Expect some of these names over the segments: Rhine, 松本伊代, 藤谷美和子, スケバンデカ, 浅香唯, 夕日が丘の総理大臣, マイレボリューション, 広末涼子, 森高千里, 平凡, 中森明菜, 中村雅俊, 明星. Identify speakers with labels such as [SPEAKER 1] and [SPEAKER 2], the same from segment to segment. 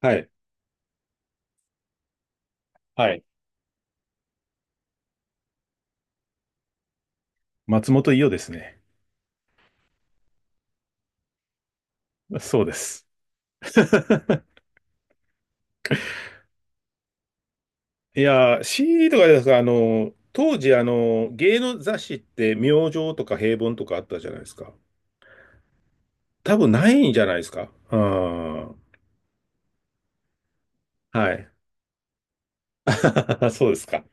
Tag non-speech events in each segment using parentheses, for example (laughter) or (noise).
[SPEAKER 1] はい。はい。松本伊代ですね。そうです。いやー、C とかですか、当時、芸能雑誌って明星とか平凡とかあったじゃないですか。多分ないんじゃないですか。うん。はい。(laughs) そうですか。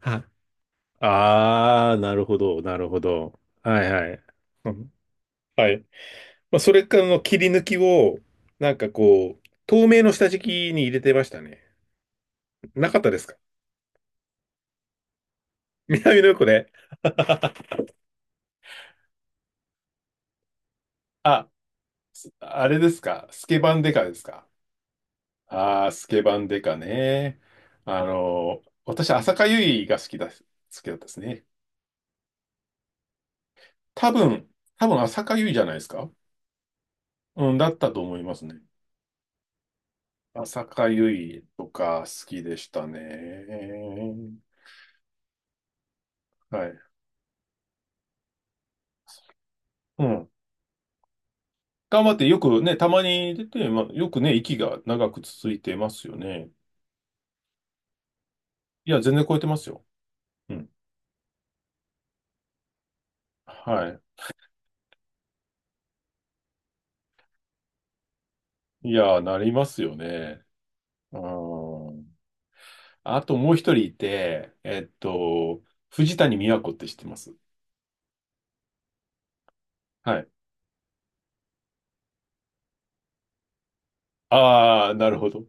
[SPEAKER 1] はい。ああ、なるほど、なるほど。はいはい。うん、はい。まあ、それからの切り抜きを、なんかこう、透明の下敷きに入れてましたね。なかったですか？ (laughs) 南の横で。(laughs) あ。あれですかスケバンデカですか？ああー、スケバンデカね。私、浅香唯が好きだったですね。多分、多分浅香唯じゃないですか？うん、だったと思いますね。浅香唯とか好きでしたね。はい。うん。頑張ってよくね、たまに出て、まあ、よくね、息が長く続いてますよね。いや、全然超えてますよ。うん。はい。いや、なりますよね。うん。あともう一人いて、藤谷美和子って知ってます？はい。ああ、なるほど。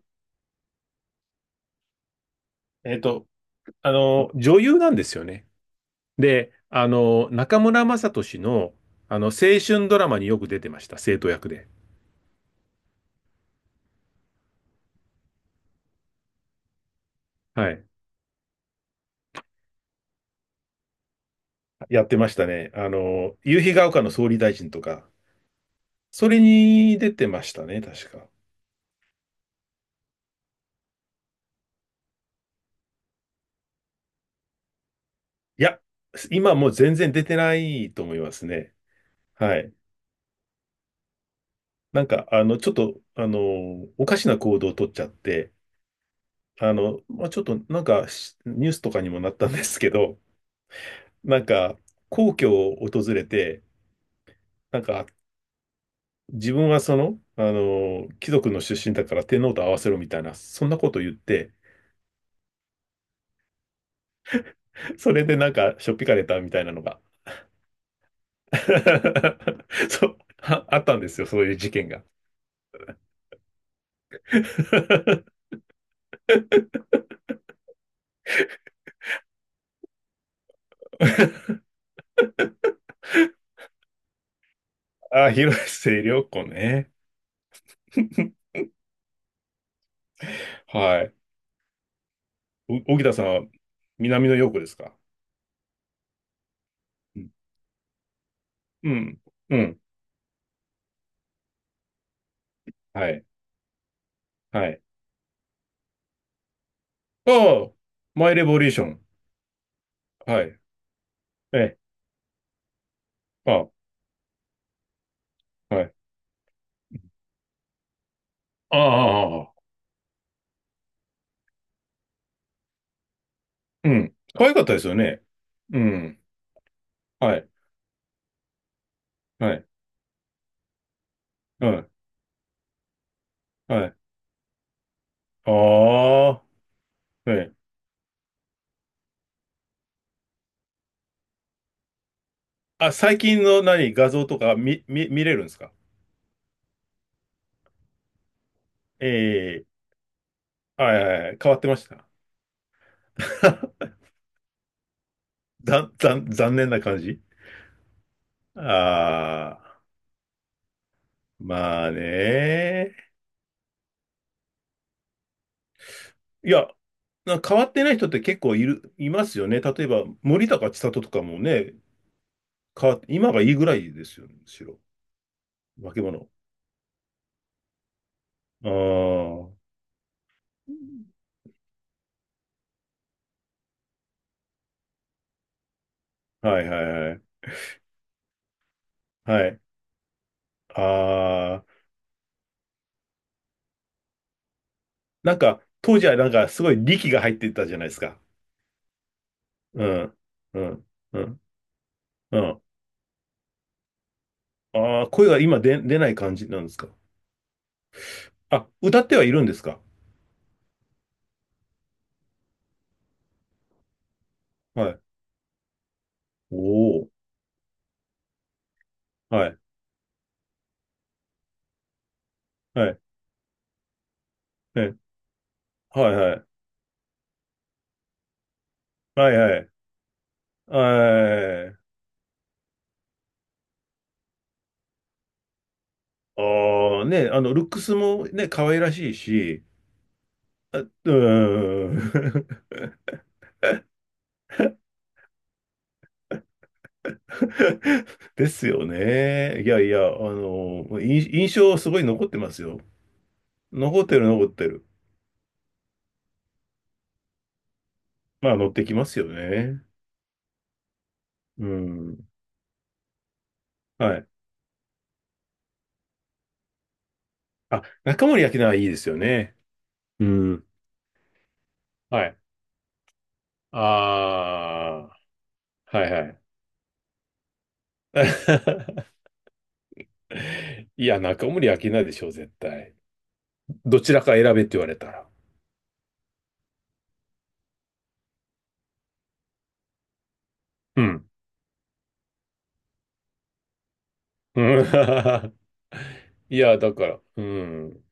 [SPEAKER 1] えっと、女優なんですよね。で、中村雅俊の、青春ドラマによく出てました、生徒役で。はい。やってましたね。夕日が丘の総理大臣とか、それに出てましたね、確か。いや、今もう全然出てないと思いますね。はい。なんか、ちょっと、おかしな行動を取っちゃって、まあ、ちょっとなんかしニュースとかにもなったんですけど、(laughs) なんか皇居を訪れて、なんか自分は貴族の出身だから天皇と合わせろみたいな、そんなこと言って、それでなんかしょっぴかれたみたいなのが、(laughs) そう、あ、あったんですよ、そういう事件が。(laughs) あ、広末涼子ね。はい。お荻田さんは南の陽子ですか？うん。うん。うん。はい。はい。ああ、マイレボリューション。はい。ええ。ああ、はい。ああ、ああ、ああ。うん。可愛かったですよね。うん。はい。はい。うん。はい。ああ、ええ。あ、最近の何、画像とか見れるんですか？ええ。はいはいはい。変わってました。(laughs) 残念な感じ。ああ、まあね。いや、変わってない人って結構いますよね。例えば、森高千里とかもね、変わって、今がいいぐらいですよね、むしろ。化け物。ああ、はいはいはい。はい。ああ、なんか、当時はなんかすごい力が入ってたじゃないですか。うん、うん、うん、うん。ああ、声が今出ない感じなんですか。あ、歌ってはいるんですか。はい。おお、はい、はい、ね。はい、はい、はい、はい、はい。ああ、ね、ルックスもね、可愛らしいし、うーん。(laughs) (laughs) ですよね。いやいや、印象すごい残ってますよ。残ってる残ってる。まあ乗ってきますよね。うん。はい。あ、中森明菜はいいですよね。うん。はい。ああ、はいはい。(laughs) いや、中森明菜でしょう、絶対。どちらか選べって言われたら。うん。うん (laughs) いや、だから、うん。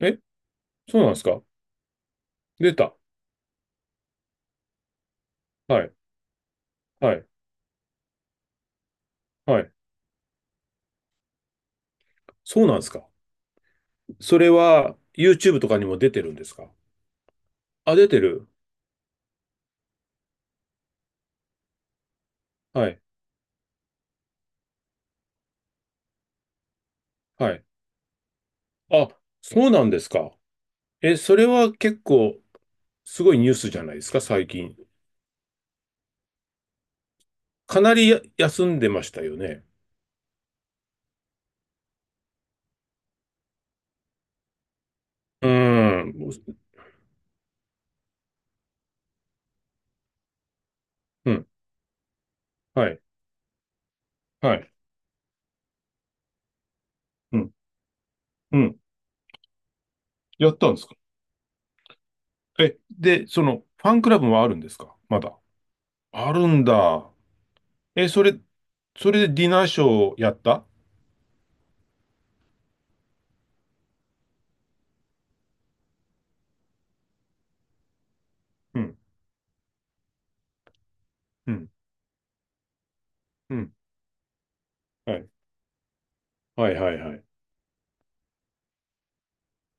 [SPEAKER 1] え、そうなんですか？出た。はい、はい、はい。そうなんですか？それは YouTube とかにも出てるんですか？あ、出てる。はい。はい。あ、そうなんですか。え、それは結構すごいニュースじゃないですか、最近。かなりや休んでましたよね。うーん。うん。はい。はい。うん。うん。やったんですか。え、で、ファンクラブはあるんですか、まだ？あるんだ。え、それでディナーショーやった？うん。うん。うん。はい。はいはいはい。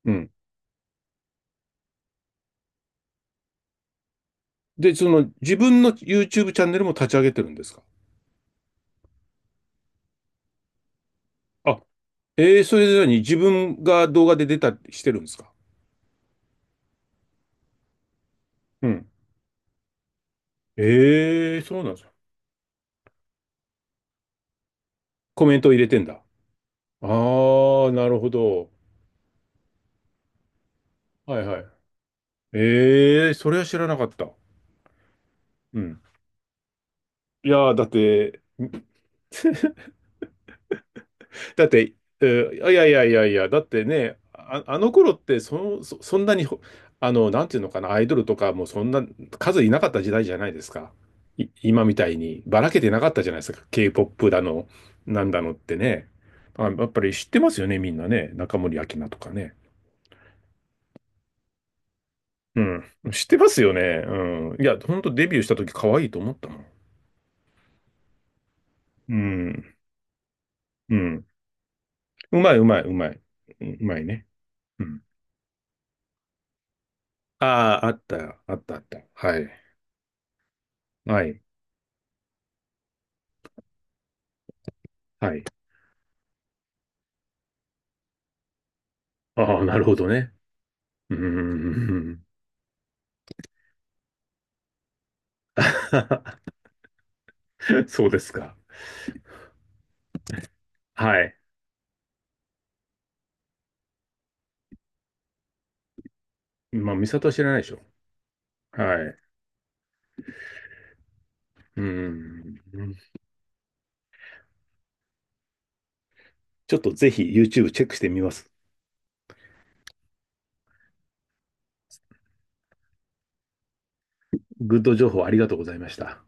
[SPEAKER 1] うん。で、その自分の YouTube チャンネルも立ち上げてるんですか？あ、それぞれに自分が動画で出たりしてるんですか？うん。ええ。そうなんですか。コメントを入れてんだ。ああ。なるほど。はいはい。それは知らなかった。うん。いやー、だって、いやいやいやいや、だってね、あ、あの頃ってそんなにほ、あの、なんていうのかな、アイドルとかもそんな数いなかった時代じゃないですか。今みたいにばらけてなかったじゃないですか。K-POP だの、なんだのってね。あ、やっぱり知ってますよね、みんなね。中森明菜とかね。うん。知ってますよね。うん。いや、ほんとデビューした時可愛いと思ったもん。うん。うん。うまいうまいうまい。うん。うまいね。うん。ああ、あった、あった、あった。はい。はい。はい。ああ、なるほどね。うーん。(laughs) そうですか。はい。まあ、美里は知らないでしょ。はい。うん。ちょっとぜひ YouTube チェックしてみます。グッド情報ありがとうございました。